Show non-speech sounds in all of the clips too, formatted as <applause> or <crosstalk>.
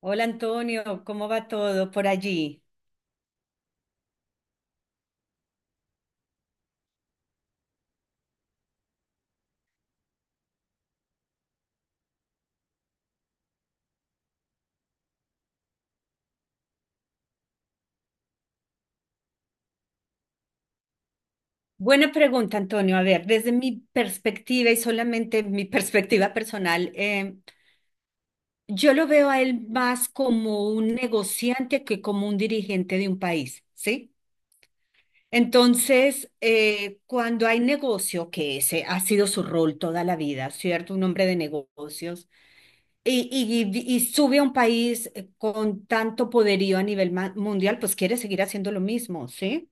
Hola Antonio, ¿cómo va todo por allí? Buena pregunta, Antonio. A ver, desde mi perspectiva y solamente mi <laughs> perspectiva personal, yo lo veo a él más como un negociante que como un dirigente de un país, ¿sí? Entonces, cuando hay negocio, que ese ha sido su rol toda la vida, ¿cierto? Un hombre de negocios, y sube a un país con tanto poderío a nivel mundial, pues quiere seguir haciendo lo mismo, ¿sí?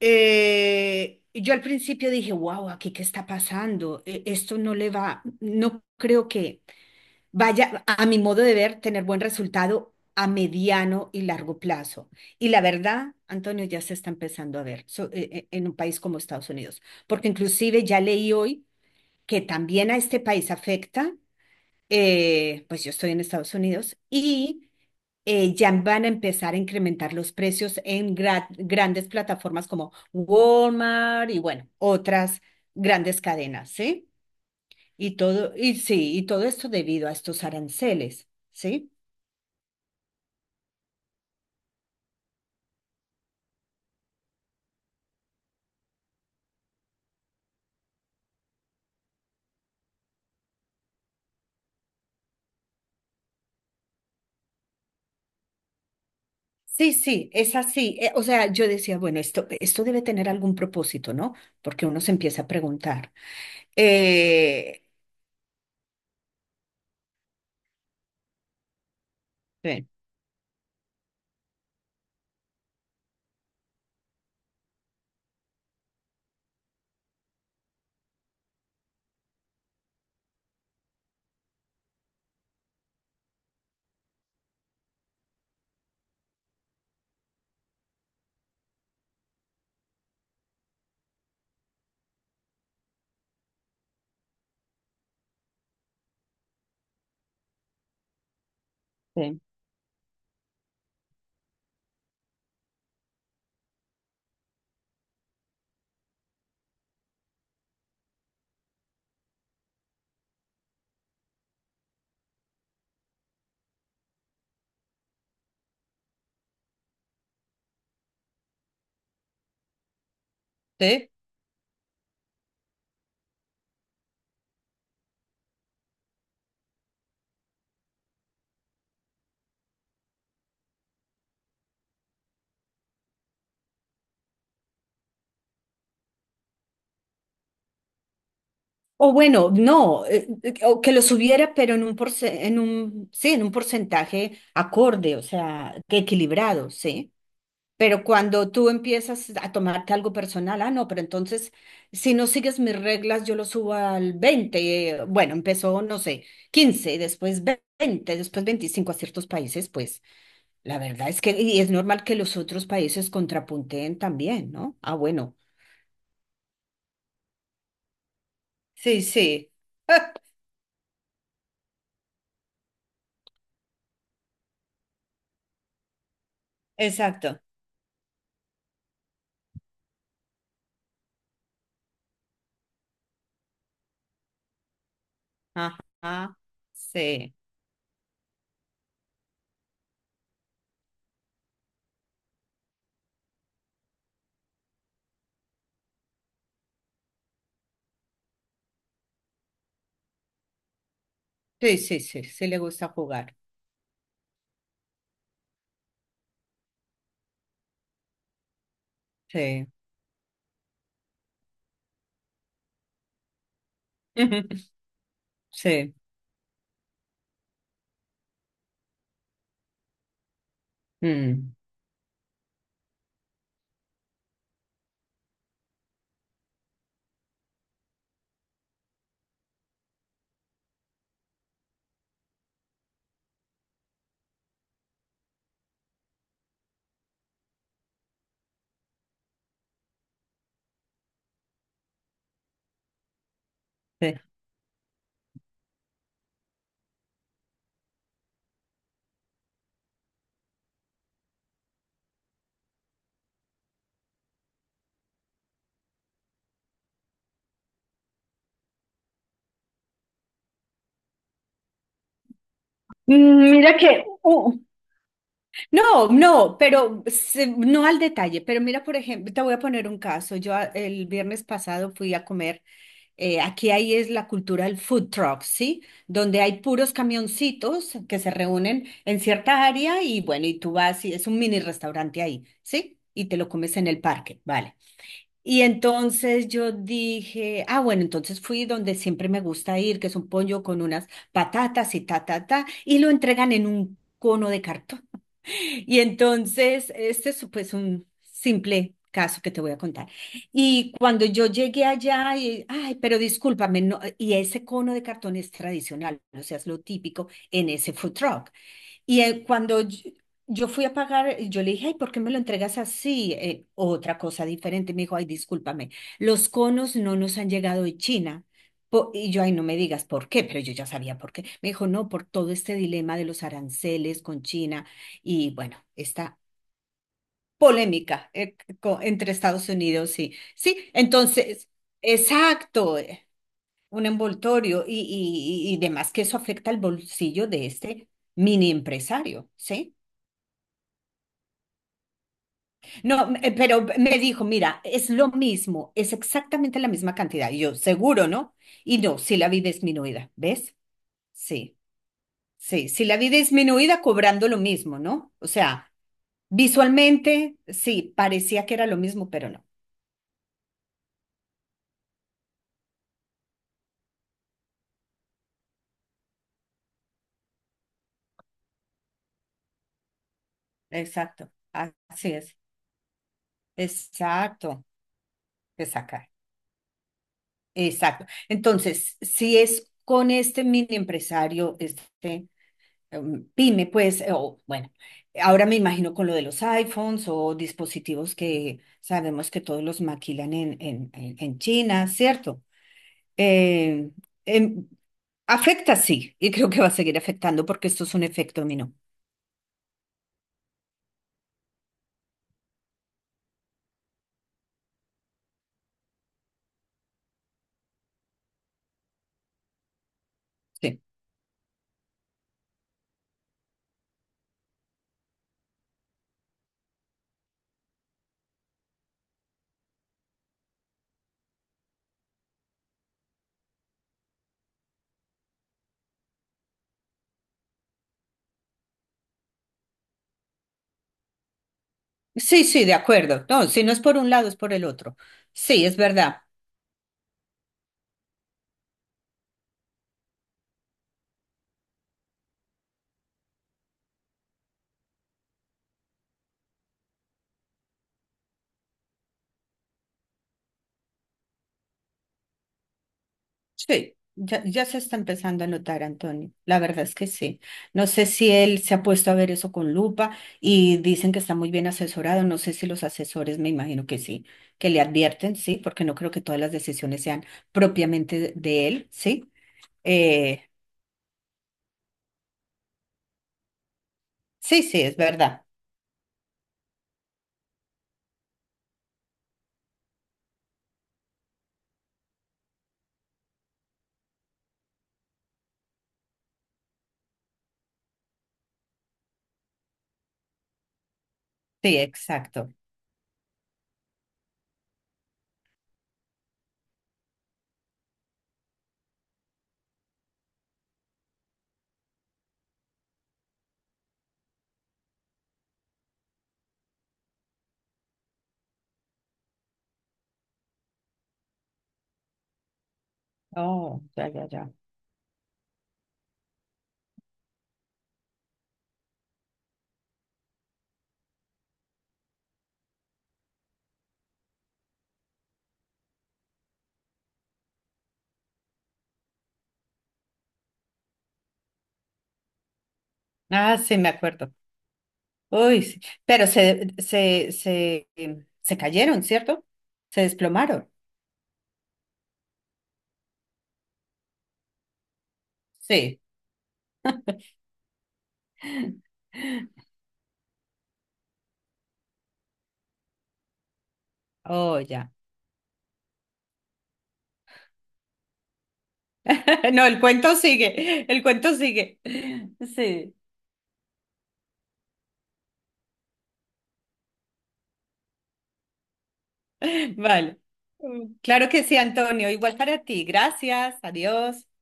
Yo al principio dije, wow, aquí qué está pasando, esto no le va, no creo que vaya, a mi modo de ver, tener buen resultado a mediano y largo plazo. Y la verdad, Antonio, ya se está empezando a ver en un país como Estados Unidos, porque inclusive ya leí hoy que también a este país afecta, pues yo estoy en Estados Unidos y, ya van a empezar a incrementar los precios en grandes plataformas como Walmart y bueno, otras grandes cadenas, ¿sí? Y todo, y sí, y todo esto debido a estos aranceles, ¿sí? Sí, sí, es así. O sea, yo decía, bueno, esto debe tener algún propósito, ¿no? Porque uno se empieza a preguntar. Eh, sí, sí, sí. O bueno, no, o que lo subiera, pero en un, sí, en un porcentaje acorde, o sea, que equilibrado, ¿sí? Pero cuando tú empiezas a tomarte algo personal, ah, no, pero entonces, si no sigues mis reglas, yo lo subo al 20, bueno, empezó, no sé, 15, después 20, después 25 a ciertos países, pues la verdad es que, y es normal que los otros países contrapunteen también, ¿no? Ah, bueno, sí, sí, <laughs> exacto. Ajá, sí, sí, sí, sí, sí le gusta jugar, sí, <laughs> sí, mm, sí. Mm, mira que, no, no, pero no al detalle, pero mira, por ejemplo, te voy a poner un caso. El viernes pasado fui a comer, aquí ahí es la cultura del food truck, ¿sí? Donde hay puros camioncitos que se reúnen en cierta área y bueno, y tú vas y es un mini restaurante ahí, ¿sí? Y te lo comes en el parque, ¿vale? Y entonces yo dije, ah, bueno, entonces fui donde siempre me gusta ir, que es un pollo con unas patatas y ta, ta, ta, y lo entregan en un cono de cartón. Y entonces, este es pues un simple caso que te voy a contar. Y cuando yo llegué allá, y, ay, pero discúlpame, no, y ese cono de cartón es tradicional, o sea, es lo típico en ese food truck. Y cuando yo fui a pagar, yo le dije, ay, ¿por qué me lo entregas así? Otra cosa diferente. Me dijo, ay, discúlpame, los conos no nos han llegado de China. Y yo, ay, no me digas por qué, pero yo ya sabía por qué. Me dijo, no, por todo este dilema de los aranceles con China y bueno, esta polémica, entre Estados Unidos y... Sí, entonces, exacto, un envoltorio y, y demás, que eso afecta al bolsillo de este mini empresario, ¿sí? No, pero me dijo, mira, es lo mismo, es exactamente la misma cantidad. Y yo, seguro, ¿no? Y no, sí la vi disminuida, ¿ves? Sí, sí, sí la vi disminuida cobrando lo mismo, ¿no? O sea, visualmente, sí, parecía que era lo mismo, pero no. Exacto, así es. Exacto, te saca. Exacto. Entonces, si es con este mini empresario, este, pyme, pues, o bueno, ahora me imagino con lo de los iPhones o dispositivos que sabemos que todos los maquilan en China, ¿cierto? Eh, em, afecta, sí, y creo que va a seguir afectando porque esto es un efecto dominó. Sí, sí, sí, de acuerdo. No, si no es por un lado, es por el otro. Sí, es verdad. Sí, ya, ya se está empezando a notar, Antonio. La verdad es que sí. No sé si él se ha puesto a ver eso con lupa y dicen que está muy bien asesorado. No sé si los asesores, me imagino que sí, que le advierten, sí, porque no creo que todas las decisiones sean propiamente de él, sí. Eh, sí, sí, es verdad. Sí, exacto. Oh, ya, ya, ya. Ah, sí, me acuerdo. Uy, sí. Pero se, se cayeron, ¿cierto? Se desplomaron. Sí. Oh, ya. <laughs> No, el cuento sigue, el cuento sigue. Sí, vale. Claro que sí, Antonio. Igual para ti. Gracias, adiós.